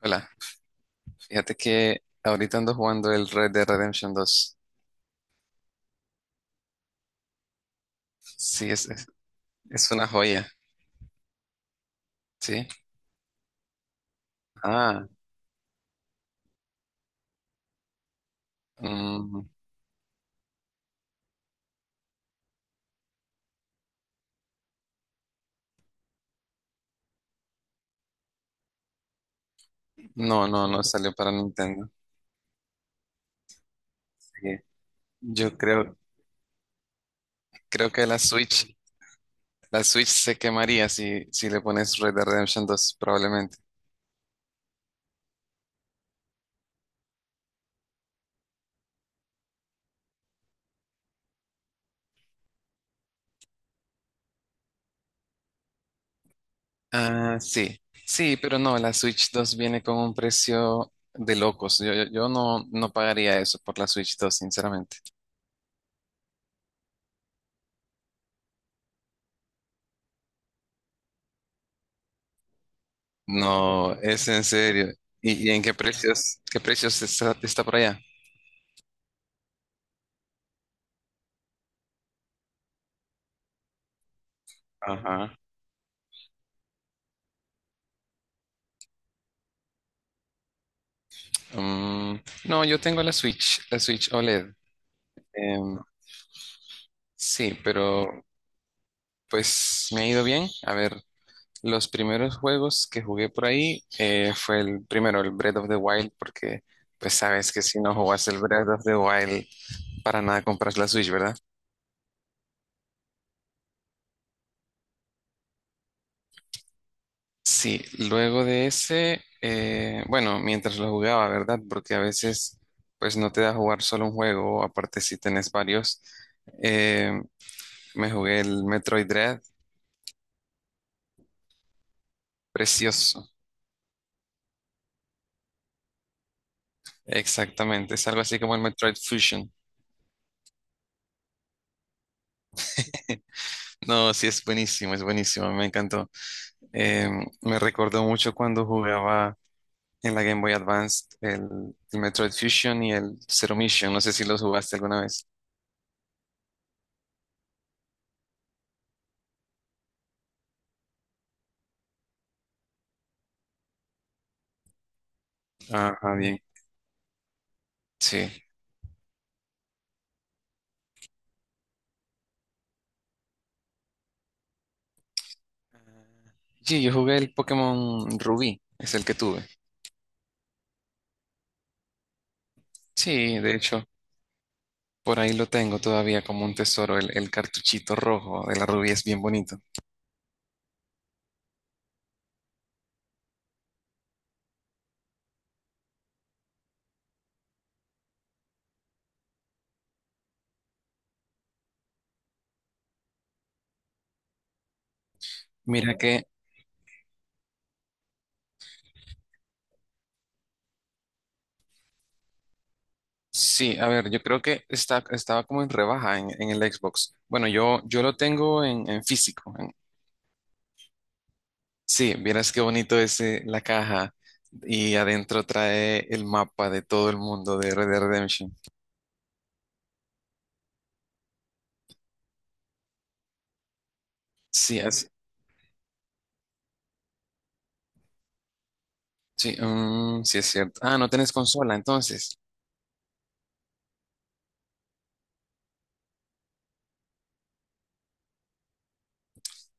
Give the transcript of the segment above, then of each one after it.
Hola, fíjate que ahorita ando jugando el Red Dead Redemption 2. Sí, es una joya, ¿sí? Ah, mm, no, no, no salió para Nintendo. Sí. Yo creo que la Switch se quemaría si le pones Red Dead Redemption 2, probablemente. Ah, sí, sí, pero no, la Switch 2 viene con un precio de locos. Yo no pagaría eso por la Switch 2, sinceramente. No, es en serio. Y en qué precios está por allá? Ajá. Mm, no, yo tengo la Switch OLED. Em, sí, pero pues me ha ido bien. A ver, los primeros juegos que jugué por ahí fue el primero, el Breath of the Wild, porque pues sabes que si no jugas el Breath of the Wild, para nada compras la Switch, ¿verdad? Sí, luego de ese, bueno, mientras lo jugaba, ¿verdad? Porque a veces, pues no te da jugar solo un juego, aparte si tenés varios. Eh, me jugué el Metroid Dread, precioso, exactamente, es algo así como el Metroid Fusion. No, sí, es buenísimo, me encantó. Eh, me recordó mucho cuando jugaba en la Game Boy Advance el Metroid Fusion y el Zero Mission, no sé si los jugaste alguna vez. Ajá, bien, sí. Sí, yo jugué el Pokémon Rubí, es el que tuve. Sí, de hecho, por ahí lo tengo todavía como un tesoro, el cartuchito rojo de la Rubí es bien bonito. Mira que, sí, a ver, yo creo que está, estaba como en rebaja en el Xbox. Bueno, yo lo tengo en físico. Sí, vieras qué bonito es la caja y adentro trae el mapa de todo el mundo de Red Dead Redemption. Sí, sí, sí es cierto. Ah, no tenés consola entonces.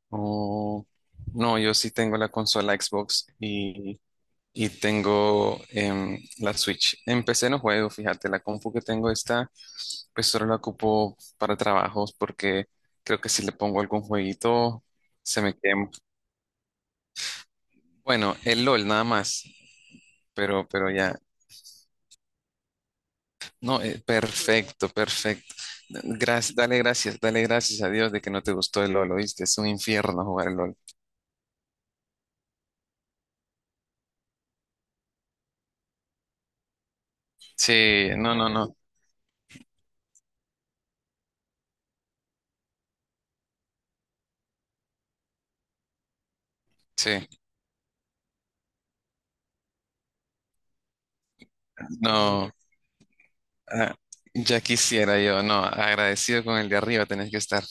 Oh, no, yo sí tengo la consola Xbox y tengo la Switch. En PC no juego, fíjate, la compu que tengo pues solo la ocupo para trabajos porque creo que si le pongo algún jueguito se me quema. Bueno, el LOL nada más, pero ya. No, perfecto, perfecto. Gracias, dale gracias, dale gracias a Dios de que no te gustó el LOL, ¿oíste? Es un infierno jugar el LOL. Sí, no, no, no, sí, no. Ah, ya quisiera yo, no, agradecido con el de arriba tenés que estar.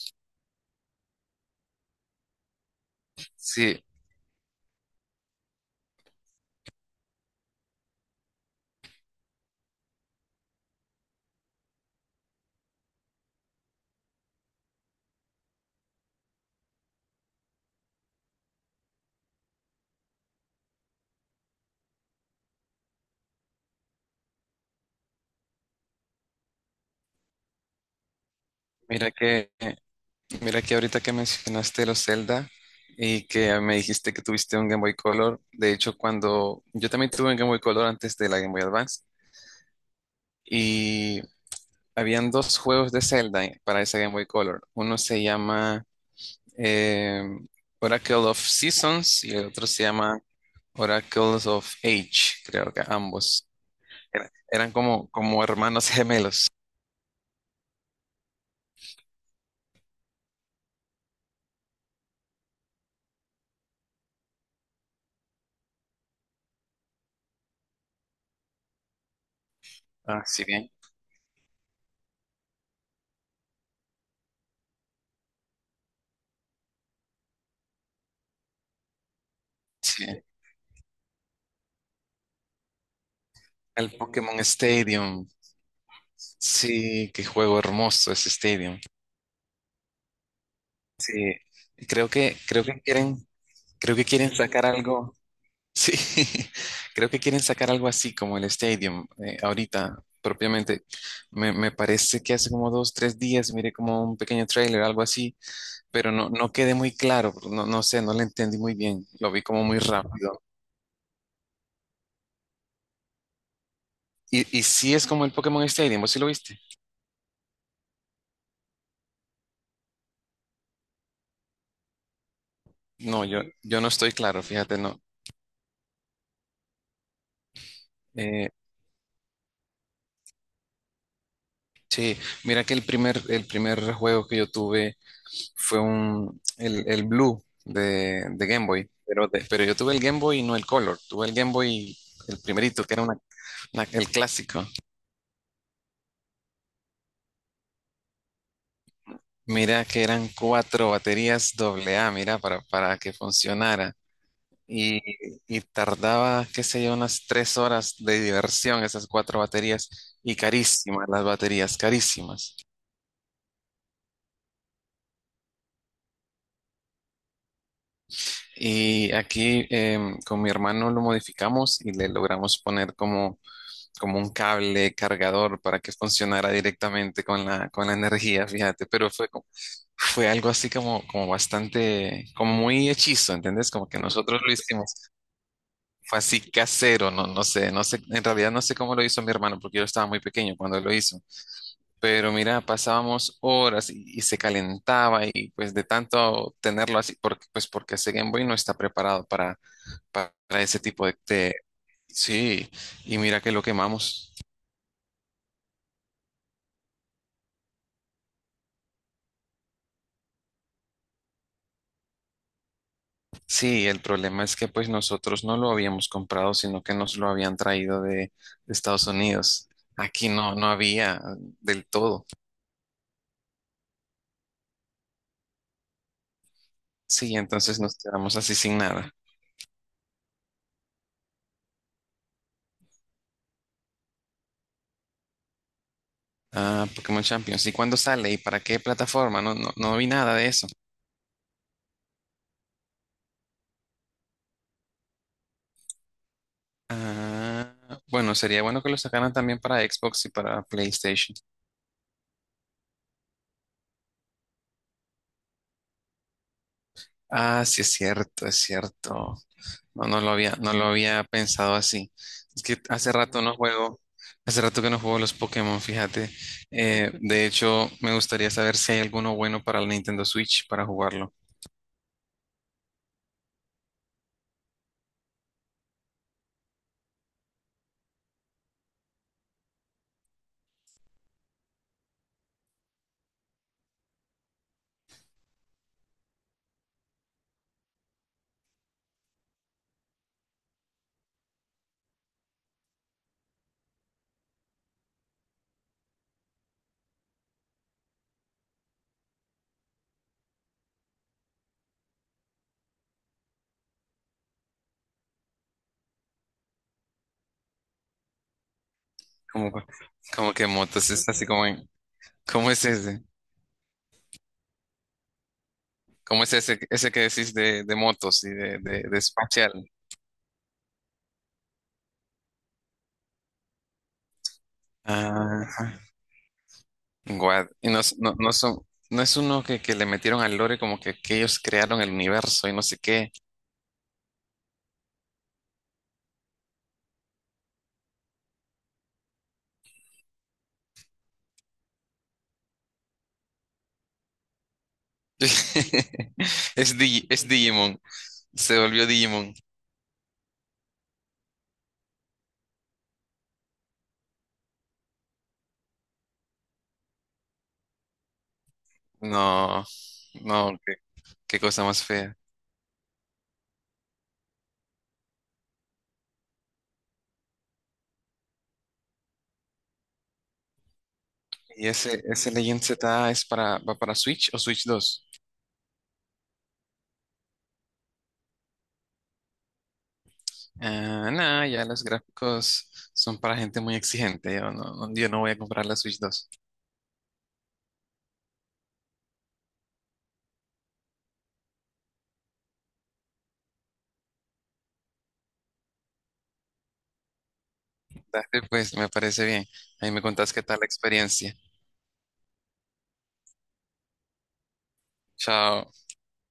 Sí, mira que, mira que ahorita que mencionaste los Zelda y que me dijiste que tuviste un Game Boy Color, de hecho cuando yo también tuve un Game Boy Color antes de la Game Boy Advance y habían dos juegos de Zelda para esa Game Boy Color. Uno se llama eh, Oracle of Seasons y el otro se llama Oracles of Age, creo que ambos. Eran como hermanos gemelos. Ah, sí, bien. Sí. El Pokémon Stadium. Sí, qué juego hermoso ese Stadium. Sí. Y creo que quieren sacar algo. Sí, creo que quieren sacar algo así como el Stadium ahorita, propiamente. Me parece que hace como dos, tres días miré como un pequeño trailer, algo así, pero no quedé muy claro. No, no lo entendí muy bien. Lo vi como muy rápido. Y sí es como el Pokémon Stadium, ¿vos sí lo viste? No, yo no estoy claro, fíjate, no. Eh, Sí, mira que el primer juego que yo tuve fue el Blue de Game Boy, pero yo tuve el Game Boy y no el Color, tuve el Game Boy, el primerito, que era el clásico. Mira que eran cuatro baterías doble A, mira, para que funcionara. Y, y tardaba, qué sé yo, unas 3 horas de diversión esas cuatro baterías y carísimas las baterías, carísimas. Y aquí con mi hermano lo modificamos y le logramos poner como un cable cargador para que funcionara directamente con con la energía, fíjate, fue algo así como bastante, como muy hechizo, ¿entendés? Como que nosotros lo hicimos, fue así casero, no, no sé, en realidad no sé cómo lo hizo mi hermano porque yo estaba muy pequeño cuando lo hizo, pero mira, pasábamos horas y se calentaba y pues de tanto tenerlo así, pues porque ese Game Boy no está preparado para ese tipo. Sí, y mira que lo quemamos. Sí, el problema es que pues nosotros no lo habíamos comprado, sino que nos lo habían traído de Estados Unidos. Aquí no había del todo. Sí, entonces nos quedamos así sin nada. Ah, Pokémon Champions. ¿Y cuándo sale? ¿Y para qué plataforma? No, no, no vi nada de eso. Ah, bueno, sería bueno que lo sacaran también para Xbox y para PlayStation. Ah, sí, es cierto, es cierto. No, no lo había pensado así. Es que hace rato que no juego los Pokémon, fíjate. De hecho, me gustaría saber si hay alguno bueno para el Nintendo Switch para jugarlo. Como, como que motos, es así como en, ¿cómo es ese? ¿Cómo es ese que decís de motos y de espacial? Ajá. Guad. Y no, no, no son, no es uno que le metieron al lore como que ellos crearon el universo y no sé qué. Es Digimon. Se volvió Digimon. No, no, qué cosa más fea. ¿Y ese Legend Z es va para Switch o Switch 2? Ah, no, ya los gráficos son para gente muy exigente. Yo no voy a comprar la Switch 2. Dale, pues, me parece bien. Ahí me contás qué tal la experiencia. Chao.